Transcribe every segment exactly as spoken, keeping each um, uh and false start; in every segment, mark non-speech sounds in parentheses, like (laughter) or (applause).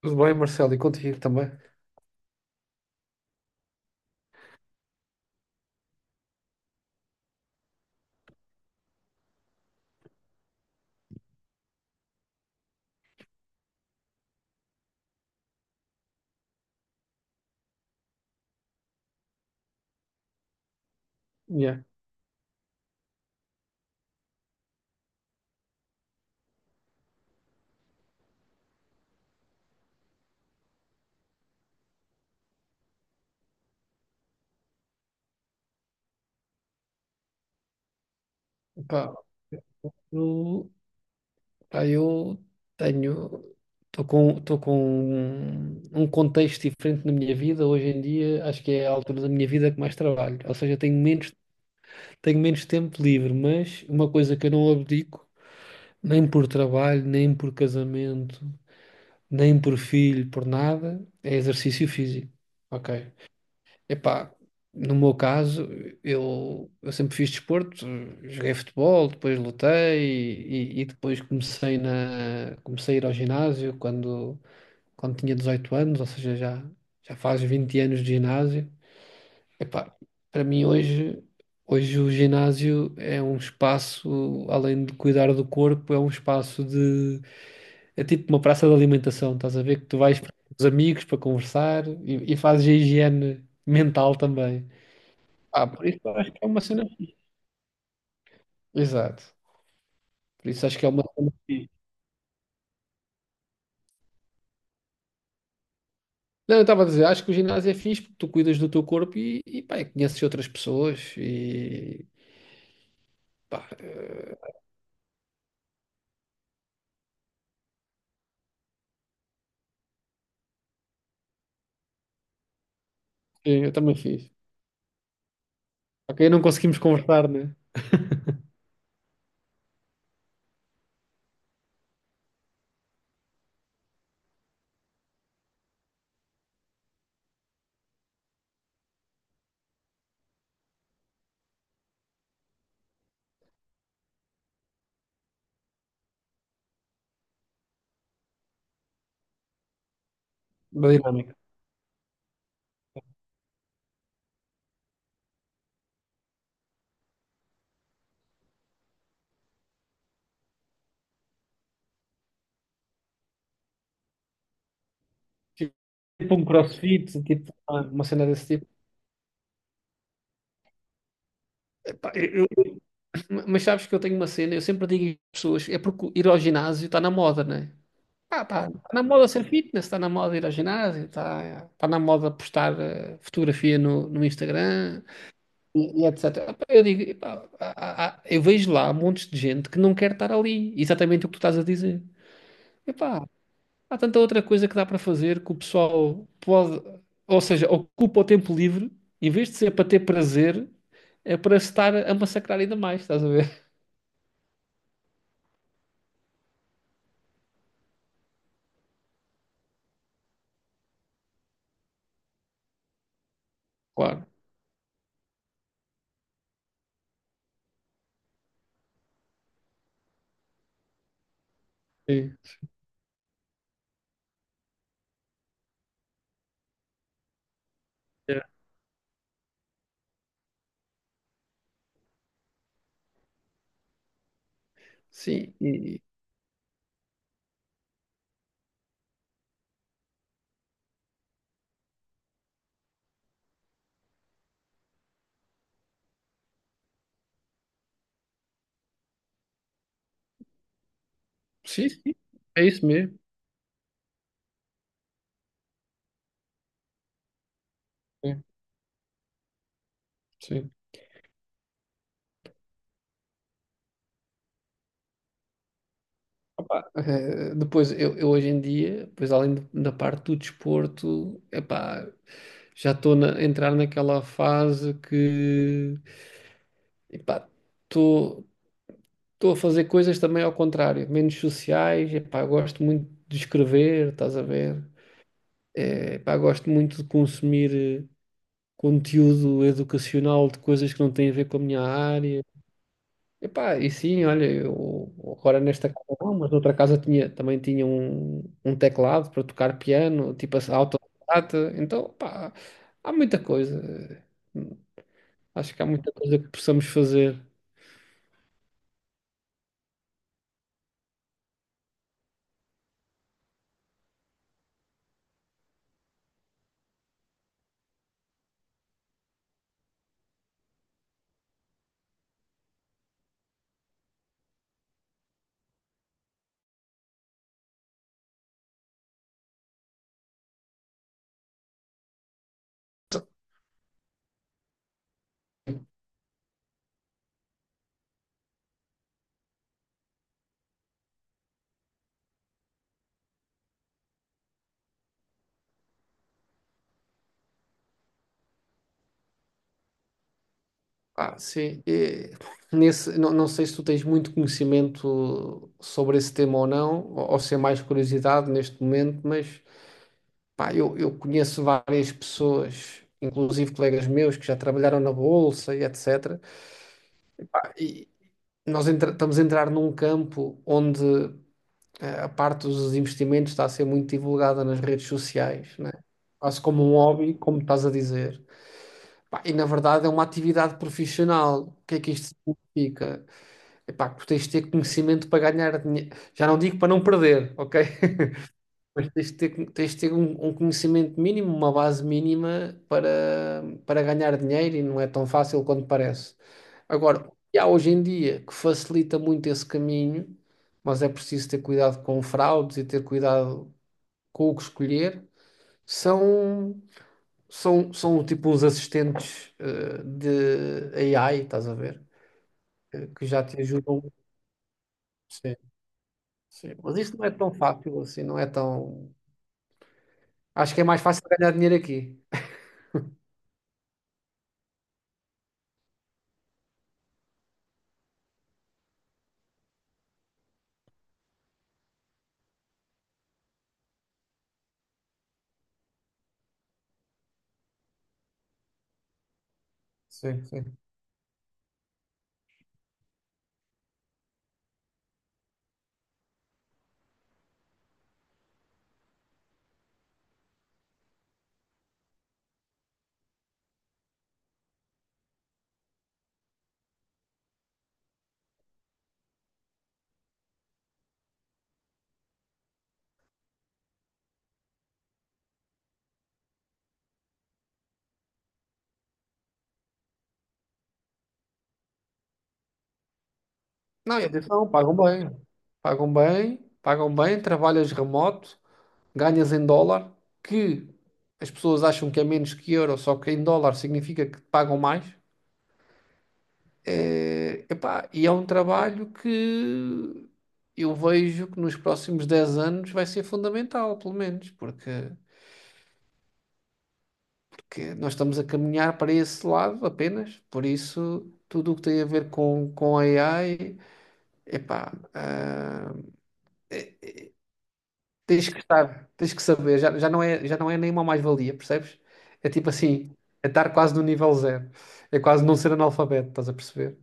Tudo bem, Marcelo, e contigo também. Yeah. Pá, eu, pá, eu tenho, estou com, estou com um, um contexto diferente na minha vida. Hoje em dia, acho que é a altura da minha vida que mais trabalho. Ou seja, tenho menos, tenho menos tempo livre, mas uma coisa que eu não abdico, nem por trabalho, nem por casamento, nem por filho, por nada, é exercício físico. Ok. Epá, no meu caso, eu, eu sempre fiz desporto, joguei futebol, depois lutei e, e depois comecei na, comecei a ir ao ginásio quando, quando tinha dezoito anos, ou seja, já, já faz vinte anos de ginásio. Epá, para mim hoje, hoje o ginásio é um espaço, além de cuidar do corpo, é um espaço de, é tipo uma praça de alimentação, estás a ver que tu vais para os amigos para conversar e, e fazes a higiene mental também. Ah, por isso eu acho que é uma cena. Exato. Por isso acho que é uma cena fixe. Não, eu estava a dizer, acho que o ginásio é fixe porque tu cuidas do teu corpo e, e pá, e conheces outras pessoas e pá, sim, eu também fiz. Ok, não conseguimos conversar, né? Da dinâmica. Tipo um crossfit, tipo uma uma cena desse tipo. Epá, eu- eu- mas sabes que eu tenho uma cena, eu sempre digo às pessoas, é porque ir ao ginásio está na moda, né? Ah, tá, tá na moda ser fitness, está na moda ir ao ginásio, está tá tá na moda postar eh, fotografia no, no Instagram. E, e etecétera. Epá, eu digo, epá, há- há- eu vejo lá montes de gente que não quer estar ali. Exatamente o que tu estás a dizer. Epá, há tanta outra coisa que dá para fazer que o pessoal pode, ou seja, ocupa o tempo livre, em vez de ser para ter prazer, é para se estar a massacrar ainda mais, estás a ver? (laughs) Claro. Sim. É. Sim, e- sim, sim. É isso mesmo. Sim, sim. Opa, eh, depois, eu, eu hoje em dia, depois além do- da parte do desporto, epá, já estou a entrar naquela fase que epá, estou estou a fazer coisas também ao contrário, menos sociais, epá, eu gosto muito de escrever, estás a ver? Eh, epá, gosto muito de consumir eh, conteúdo educacional de coisas que não têm a ver com a minha área. Epá, e sim, olha, eu agora nesta casa não, mas noutra casa tinha, também tinha um, um teclado para tocar piano, tipo assim, autodidata. Então, pá, há muita coisa. Acho que há muita coisa que possamos fazer. Ah, sim. E nesse, não, não sei se tu tens muito conhecimento sobre esse tema ou não, ou, ou se é mais curiosidade neste momento, mas pá, eu, eu conheço várias pessoas, inclusive colegas meus que já trabalharam na Bolsa e etecétera Nós entra- estamos a entrar num campo onde eh, a parte dos investimentos está a ser muito divulgada nas redes sociais, né? Quase como um hobby, como estás a dizer. Pá, e na verdade é uma atividade profissional. O que é que isto significa? Epá, que tens de ter conhecimento para ganhar dinheiro. Já não digo para não perder, ok? (laughs) Mas tens de ter, tens de ter um, um conhecimento mínimo, uma base mínima para, para ganhar dinheiro e não é tão fácil quanto parece. Agora, o que há hoje em dia que facilita muito esse caminho, mas é preciso ter cuidado com fraudes e ter cuidado com o que escolher, são, são, são tipo uns assistentes eh, de A I, estás a ver? Eh, Que já te ajudam. Sim, sim. Mas isto não é tão fácil assim, não é tão. Acho que é mais fácil ganhar dinheiro aqui. Sim, sim. Não, eu disse, não, pagam bem. Pagam bem, pagam bem, trabalhas remoto, ganhas em dólar, que as pessoas acham que é menos que euro, só que em dólar significa que pagam mais. É, epá, e é um trabalho que eu vejo que nos próximos dez anos vai ser fundamental, pelo menos, porque, porque, nós estamos a caminhar para esse lado apenas, por isso tudo o que tem a ver com, com A I, epá, ah, tens que estar, tens que saber, já, já não é, já não é nenhuma mais-valia, percebes? É tipo assim, é estar quase no nível zero. É quase não ser analfabeto, estás a perceber?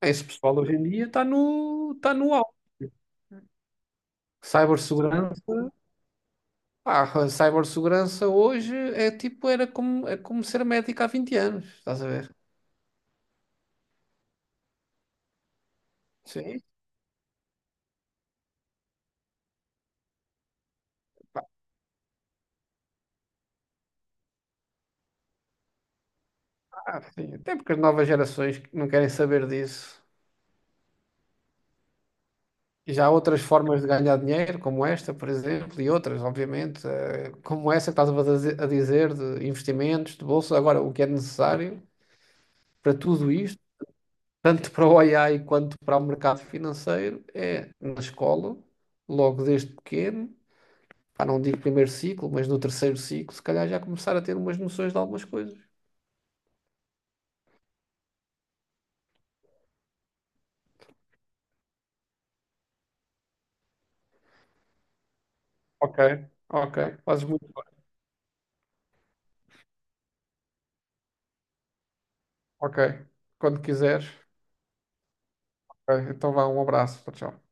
Esse pessoal hoje em dia está no, está no alto. Cybersegurança, pá, a cibersegurança hoje é tipo, era como, é como ser médico há vinte anos, estás a ver? Sim, ah, sim. Até porque as novas gerações não querem saber disso. E já há outras formas de ganhar dinheiro, como esta, por exemplo, e outras, obviamente, eh, como essa que estás a dizer, a dizer, de investimentos, de bolsa. Agora, o que é necessário para tudo isto, tanto para o (laughs) A I quanto para o mercado financeiro, é na escola, logo desde pequeno, pá, não digo primeiro ciclo, mas no terceiro ciclo, se calhar já começar a ter umas noções de algumas coisas. Ok, ok, fazes muito bem. Ok, quando quiseres. Ok, então vá, um abraço, tchau, tchau.